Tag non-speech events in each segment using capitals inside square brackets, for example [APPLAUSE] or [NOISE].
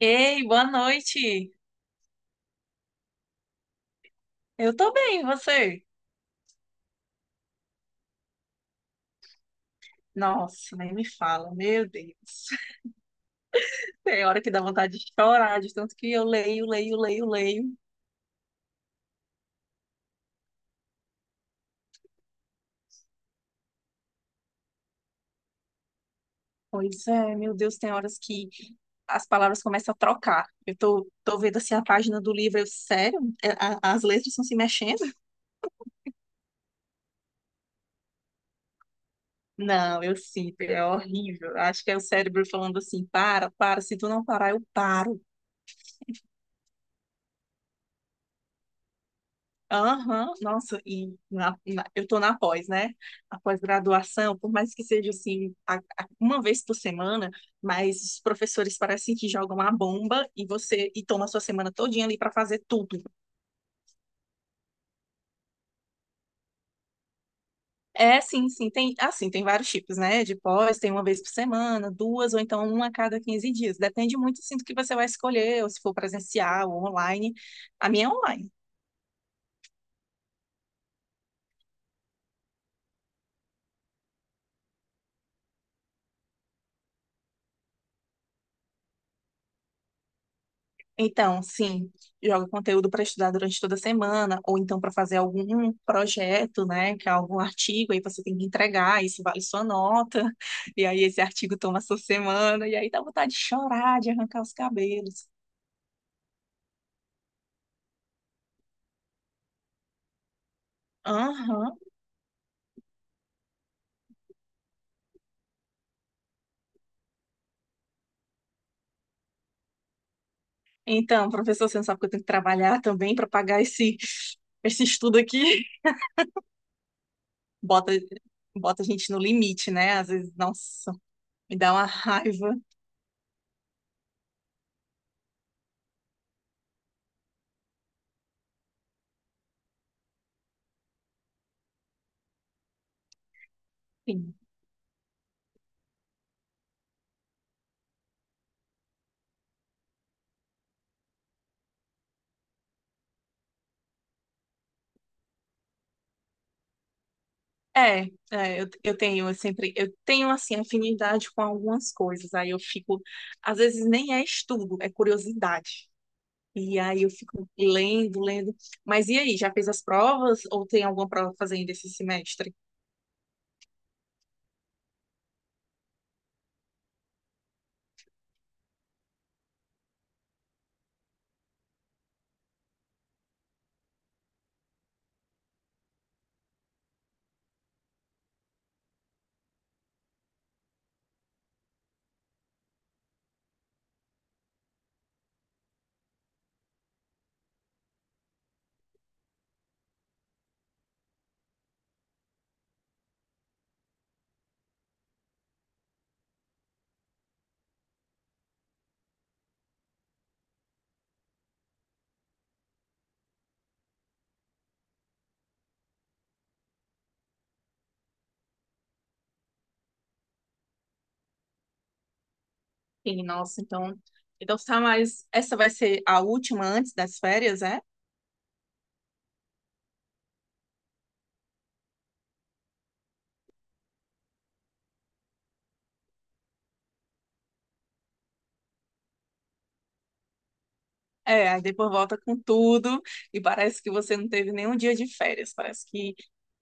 Ei, boa noite. Eu tô bem, e você? Nossa, nem me fala, meu Deus. [LAUGHS] Tem hora que dá vontade de chorar, de tanto que eu leio, leio, leio, leio. Pois é, meu Deus, tem horas que as palavras começam a trocar. Eu tô vendo assim a página do livro, eu, sério? É, as letras estão se mexendo? Não, eu sinto, é horrível. Acho que é o cérebro falando assim, para, para, se tu não parar, eu paro. Aham, nossa, e eu tô na pós, né? A pós-graduação, por mais que seja assim, uma vez por semana, mas os professores parecem que jogam a bomba e você e toma a sua semana todinha ali para fazer tudo. É, sim, sim, tem, assim, tem vários tipos, né? De pós, tem uma vez por semana, duas, ou então uma a cada 15 dias. Depende muito, assim, do que você vai escolher, ou se for presencial ou online. A minha é online. Então, sim, joga conteúdo para estudar durante toda a semana, ou então para fazer algum projeto, né, que é algum artigo, aí você tem que entregar, isso vale sua nota, [LAUGHS] e aí esse artigo toma sua semana, e aí dá vontade de chorar, de arrancar os cabelos. Aham. Então, professor, você não sabe que eu tenho que trabalhar também para pagar esse estudo aqui? Bota, bota a gente no limite, né? Às vezes, nossa, me dá uma raiva. É, é, eu tenho, eu tenho, assim, afinidade com algumas coisas, aí eu fico, às vezes nem é estudo, é curiosidade, e aí eu fico lendo, lendo, mas e aí, já fez as provas, ou tem alguma prova pra fazer ainda esse semestre? Sim, nossa, então tá, mas essa vai ser a última antes das férias, é? É, aí depois volta com tudo, e parece que você não teve nenhum dia de férias, parece que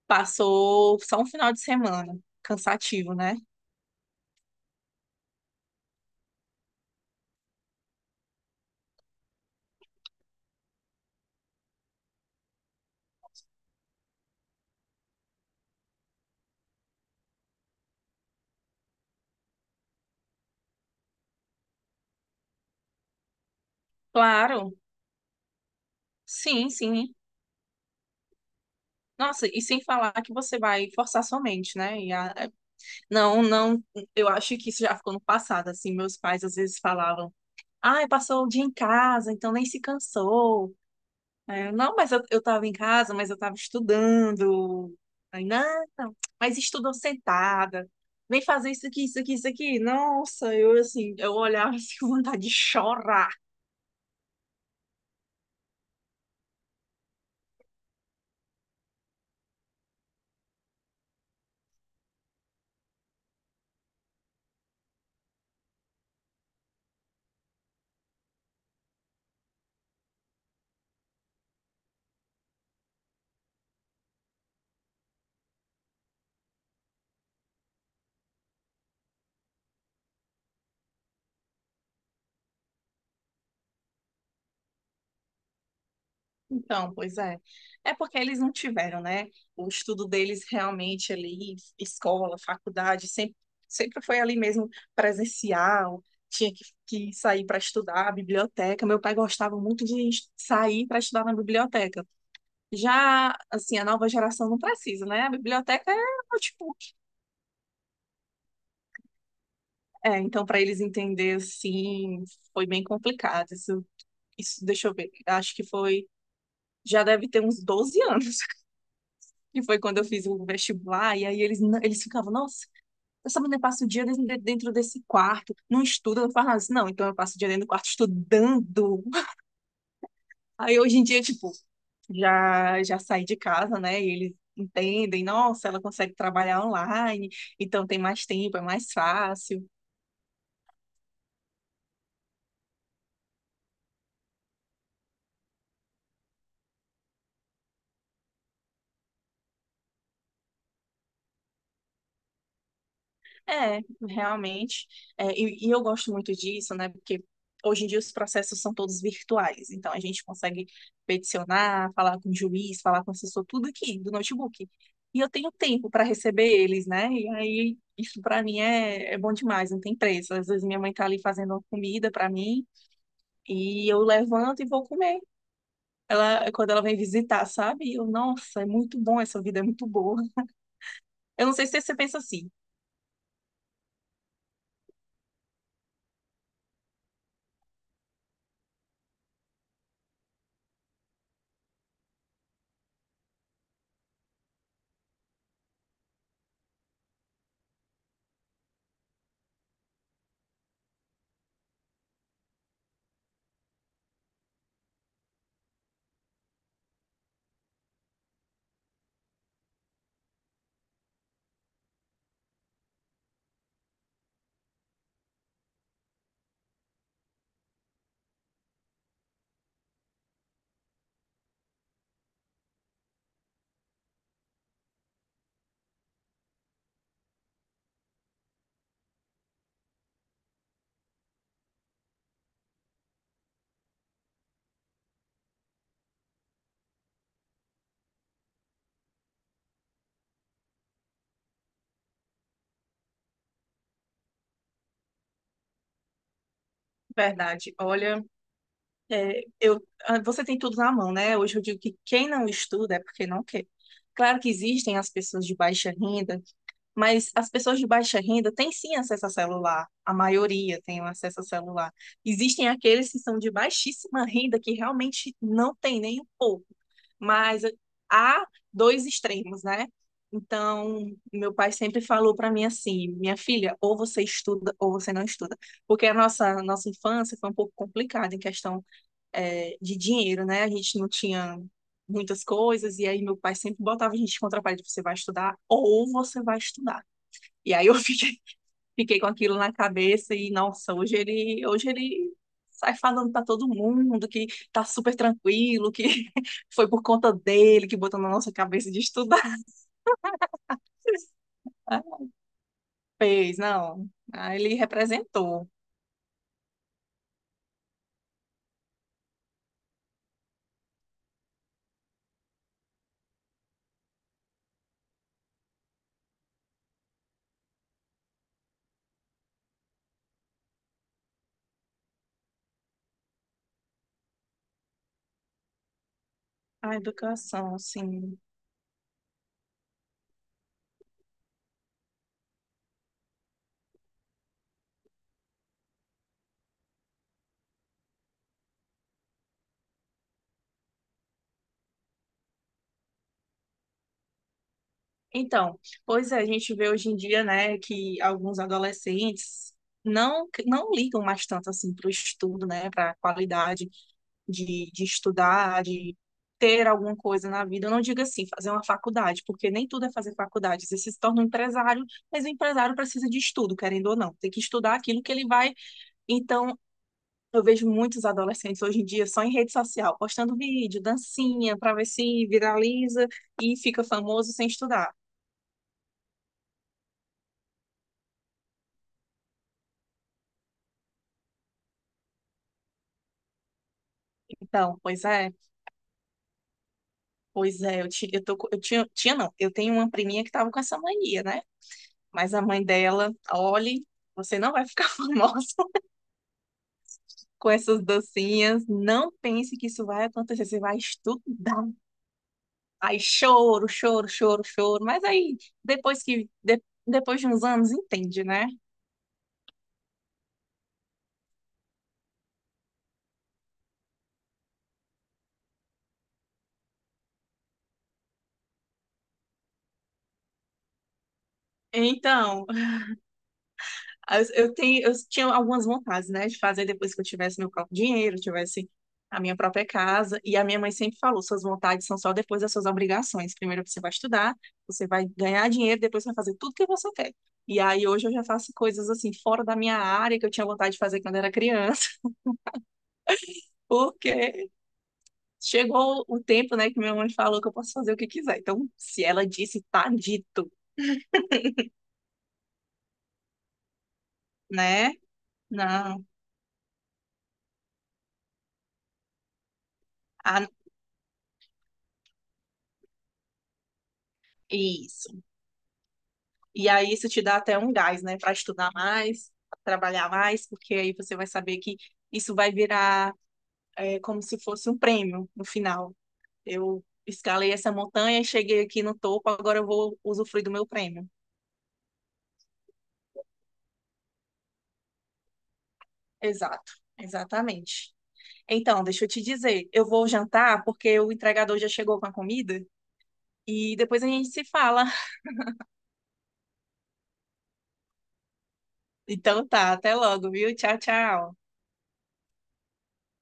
passou só um final de semana, cansativo, né? Claro, sim, sim. Nossa, e sem falar que você vai forçar sua mente, né? E é. Não, não, eu acho que isso já ficou no passado, assim, meus pais às vezes falavam, ai, passou o dia em casa, então nem se cansou. É, não, mas eu tava em casa, mas eu tava estudando. Aí, não, não, mas estudou sentada. Vem fazer isso aqui, isso aqui, isso aqui. Nossa, eu assim, eu olhava assim [LAUGHS] com vontade de chorar. Então, pois é. É porque eles não tiveram, né? O estudo deles realmente ali, escola, faculdade, sempre foi ali mesmo presencial, tinha que sair para estudar, biblioteca. Meu pai gostava muito de sair para estudar na biblioteca. Já, assim, a nova geração não precisa, né? A biblioteca é o notebook. É, então, para eles entender, assim, foi bem complicado. Isso, isso, deixa eu ver, acho que foi, já deve ter uns 12 anos, que foi quando eu fiz o vestibular, e aí eles ficavam, nossa, essa menina passa o dia dentro desse quarto, não estuda, não faz nada. Assim, não, então eu passo o dia dentro do quarto estudando. [LAUGHS] Aí hoje em dia, tipo, já saí de casa, né? E eles entendem, nossa, ela consegue trabalhar online, então tem mais tempo, é mais fácil. É, realmente. É, e eu gosto muito disso, né? Porque hoje em dia os processos são todos virtuais. Então a gente consegue peticionar, falar com o juiz, falar com o assessor, tudo aqui do notebook. E eu tenho tempo para receber eles, né? E aí isso para mim é bom demais, não tem preço. Às vezes minha mãe tá ali fazendo uma comida para mim e eu levanto e vou comer. Ela, é quando ela vem visitar, sabe? Eu, nossa, é muito bom, essa vida é muito boa. Eu não sei se você pensa assim, verdade. Olha. É, eu, ah, você tem tudo na mão, né? Hoje eu digo que quem não estuda é porque não quer. Claro que existem as pessoas de baixa renda, mas as pessoas de baixa renda têm sim acesso a celular. A maioria tem um acesso a celular. Existem aqueles que são de baixíssima renda que realmente não tem nem um pouco. Mas há dois extremos, né? Então, meu pai sempre falou para mim assim, minha filha, ou você estuda ou você não estuda, porque a nossa infância foi um pouco complicada em questão de dinheiro, né? A gente não tinha muitas coisas, e aí meu pai sempre botava a gente contra a parede, você vai estudar ou você vai estudar. E aí eu [LAUGHS] fiquei com aquilo na cabeça e, nossa, hoje ele sai falando para todo mundo que tá super tranquilo, que [LAUGHS] foi por conta dele que botou na nossa cabeça de estudar. [LAUGHS] Ah, fez, não. Ah, ele representou a educação, assim. Então, pois é, a gente vê hoje em dia, né, que alguns adolescentes não ligam mais tanto assim para o estudo, né, para a qualidade de estudar, de ter alguma coisa na vida. Eu não digo assim, fazer uma faculdade, porque nem tudo é fazer faculdade. Você se torna um empresário, mas o empresário precisa de estudo, querendo ou não. Tem que estudar aquilo que ele vai. Então, eu vejo muitos adolescentes hoje em dia só em rede social, postando vídeo, dancinha, para ver se viraliza e fica famoso sem estudar. Então, pois é, eu, ti, eu, tô, co- eu não, eu tenho uma priminha que tava com essa mania, né? Mas a mãe dela, olhe, você não vai ficar [LAUGHS] famosa com essas dancinhas, não pense que isso vai acontecer, você vai estudar. Aí choro, choro, choro, choro, mas aí depois depois de uns anos, entende, né? Então, eu tinha algumas vontades, né, de fazer depois que eu tivesse meu próprio dinheiro, tivesse a minha própria casa. E a minha mãe sempre falou: suas vontades são só depois das suas obrigações. Primeiro você vai estudar, você vai ganhar dinheiro, depois você vai fazer tudo que você quer. E aí hoje eu já faço coisas assim fora da minha área que eu tinha vontade de fazer quando era criança, [LAUGHS] porque chegou o tempo, né, que minha mãe falou que eu posso fazer o que quiser. Então, se ela disse, tá dito, né? Não. Ah, isso. E aí isso te dá até um gás, né, para estudar mais, pra trabalhar mais, porque aí você vai saber que isso vai virar como se fosse um prêmio no final. Eu escalei essa montanha, cheguei aqui no topo, agora eu vou usufruir do meu prêmio. Exato, exatamente. Então, deixa eu te dizer, eu vou jantar porque o entregador já chegou com a comida e depois a gente se fala. [LAUGHS] Então tá, até logo, viu? Tchau, tchau.